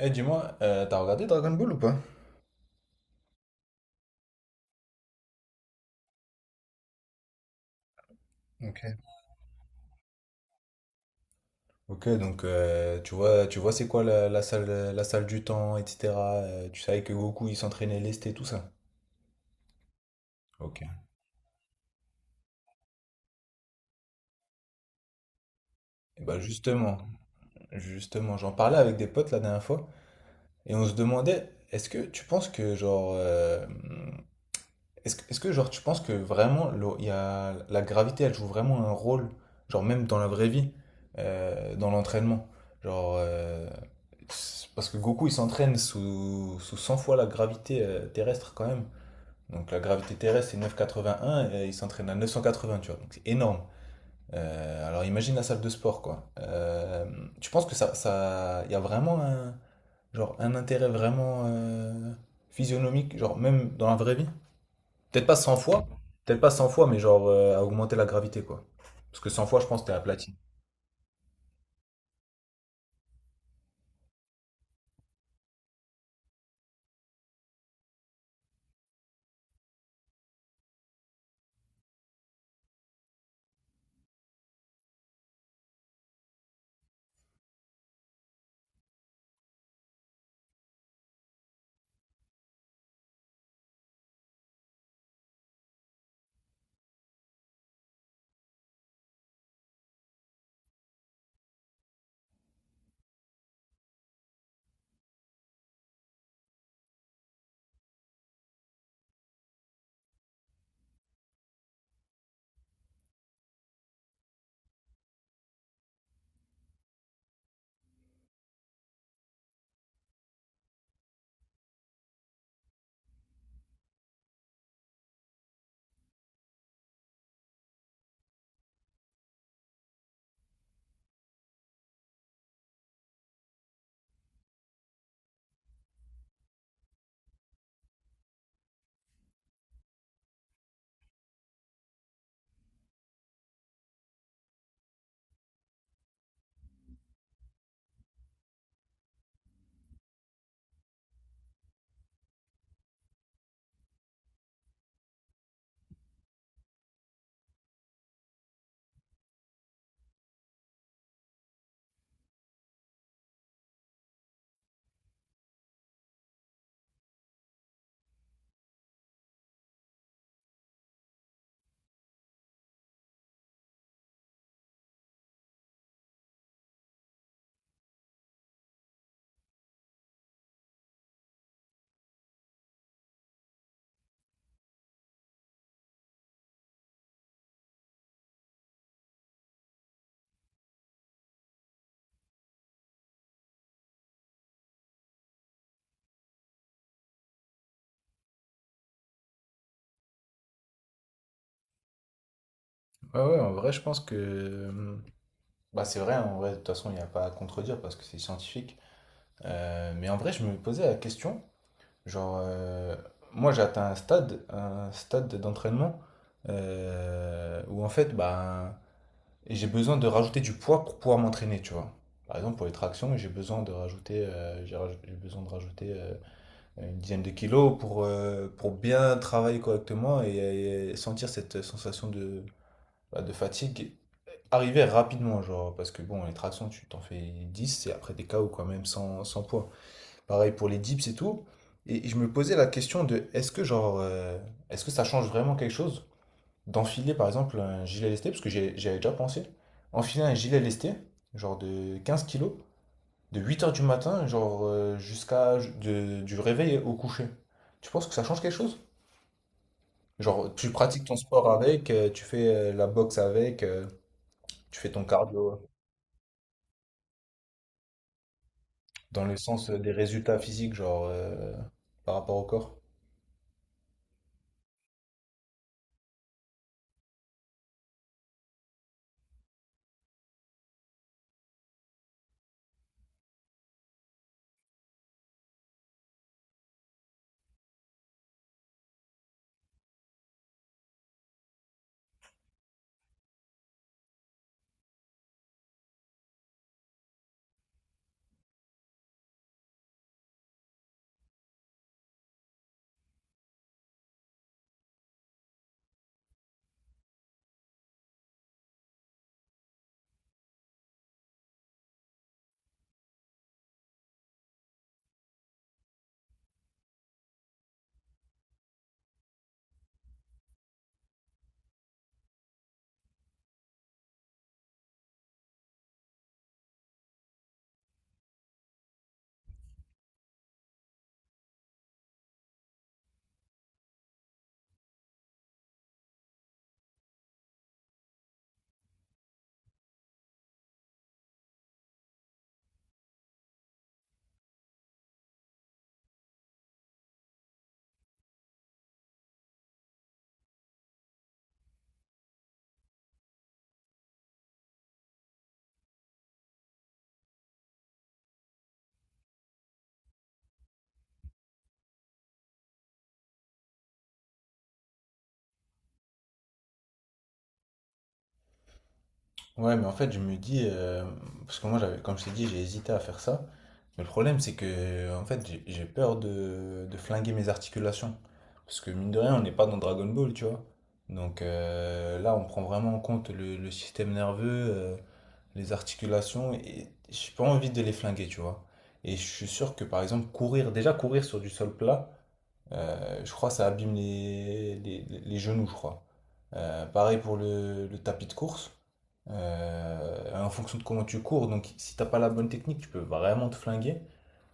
Eh, dis-moi, t'as regardé Dragon Ball ou pas? Ok. Ok, donc tu vois c'est quoi la salle du temps, etc. Tu savais que Goku il s'entraînait lesté, tout ça. Ok. Et bah justement, j'en parlais avec des potes la dernière fois et on se demandait, est-ce que tu penses que genre est-ce que genre tu penses que vraiment il y a, la gravité elle joue vraiment un rôle, genre même dans la vraie vie, dans l'entraînement? Genre c'est parce que Goku il s'entraîne sous 100 fois la gravité terrestre quand même. Donc la gravité terrestre c'est 9,81 et il s'entraîne à 980, tu vois. Donc c'est énorme. Alors imagine la salle de sport quoi. Tu penses que ça, il y a vraiment un, genre un intérêt vraiment physionomique, genre même dans la vraie vie? Peut-être pas 100 fois, peut-être pas 100 fois, mais genre à augmenter la gravité, quoi. Parce que 100 fois, je pense que t'es aplati. Ouais, ouais, en vrai, je pense que. Bah, c'est vrai, hein, en vrai, de toute façon, il n'y a pas à contredire parce que c'est scientifique. Mais en vrai, je me posais la question, genre, moi, j'ai atteint un stade d'entraînement où en fait, bah, j'ai besoin de rajouter du poids pour pouvoir m'entraîner, tu vois. Par exemple, pour les tractions, j'ai besoin de rajouter une dizaine de kilos pour bien travailler correctement et sentir cette sensation de, bah, de fatigue arriver rapidement, genre, parce que bon, les tractions, tu t'en fais 10 et après des KO quand même, sans poids. Pareil pour les dips et tout. Et je me posais la question de genre, est-ce que ça change vraiment quelque chose d'enfiler par exemple un gilet lesté, parce que j'y avais déjà pensé, enfiler un gilet lesté, genre de 15 kilos, de 8 heures du matin, genre, jusqu'à du réveil au coucher. Tu penses que ça change quelque chose? Genre, tu pratiques ton sport avec, tu fais la boxe avec, tu fais ton cardio. Dans le sens des résultats physiques, genre, par rapport au corps. Ouais, mais en fait, je me dis, parce que moi, j'avais, comme je t'ai dit, j'ai hésité à faire ça. Mais le problème, c'est que, en fait, j'ai peur de flinguer mes articulations. Parce que, mine de rien, on n'est pas dans Dragon Ball, tu vois. Donc là, on prend vraiment en compte le système nerveux, les articulations, et j'ai pas envie de les flinguer, tu vois. Et je suis sûr que, par exemple, courir, déjà courir sur du sol plat, je crois que ça abîme les genoux, je crois. Pareil pour le tapis de course en fonction de comment tu cours. Donc, si t'as pas la bonne technique, tu peux vraiment te flinguer.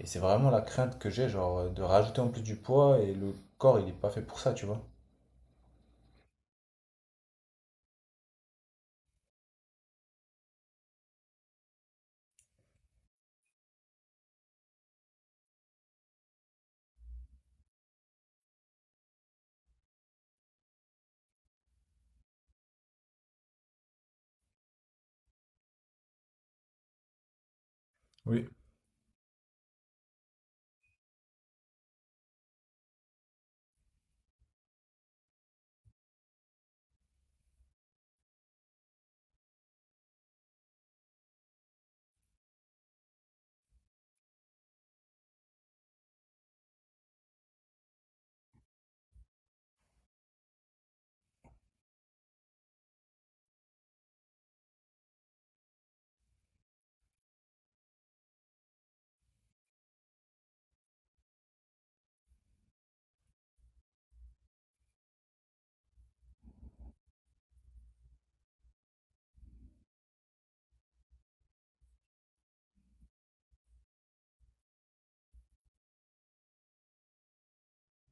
Et c'est vraiment la crainte que j'ai, genre, de rajouter en plus du poids et le corps, il est pas fait pour ça, tu vois. Oui.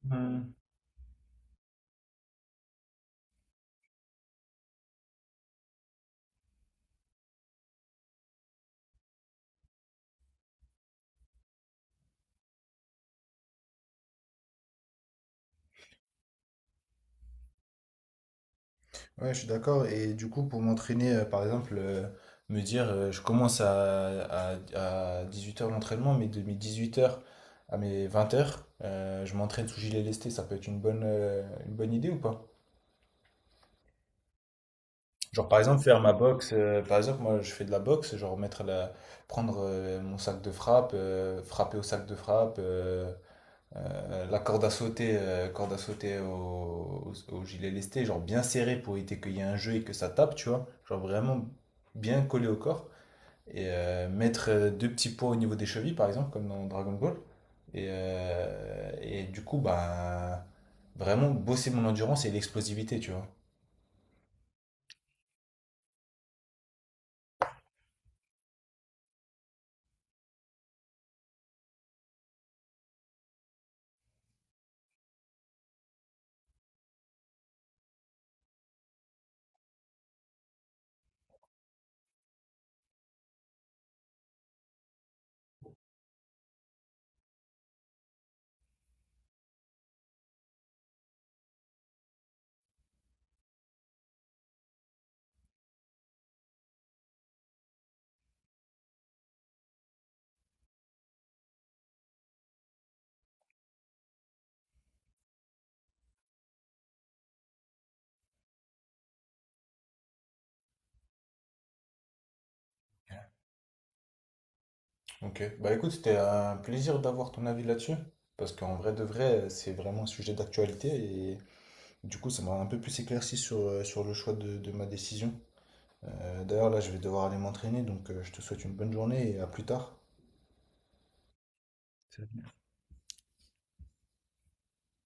Mm. Ouais, je suis d'accord. Et du coup, pour m'entraîner, par exemple, me dire, je commence à 18 heures l'entraînement, mais de mes 18 heures à mes 20h, je m'entraîne sous gilet lesté, ça peut être une bonne idée ou pas? Genre par exemple faire ma boxe, par exemple moi je fais de la boxe, genre prendre mon sac de frappe, frapper au sac de frappe, la corde à sauter au gilet lesté, genre bien serré pour éviter qu'il y ait un jeu et que ça tape, tu vois, genre vraiment bien collé au corps et mettre deux petits poids au niveau des chevilles par exemple comme dans Dragon Ball et du coup bah vraiment bosser mon endurance et l'explosivité, tu vois. Ok, bah écoute, c'était un plaisir d'avoir ton avis là-dessus, parce qu'en vrai de vrai, c'est vraiment un sujet d'actualité et du coup, ça m'a un peu plus éclairci sur le choix de ma décision. D'ailleurs, là, je vais devoir aller m'entraîner, donc je te souhaite une bonne journée et à plus tard.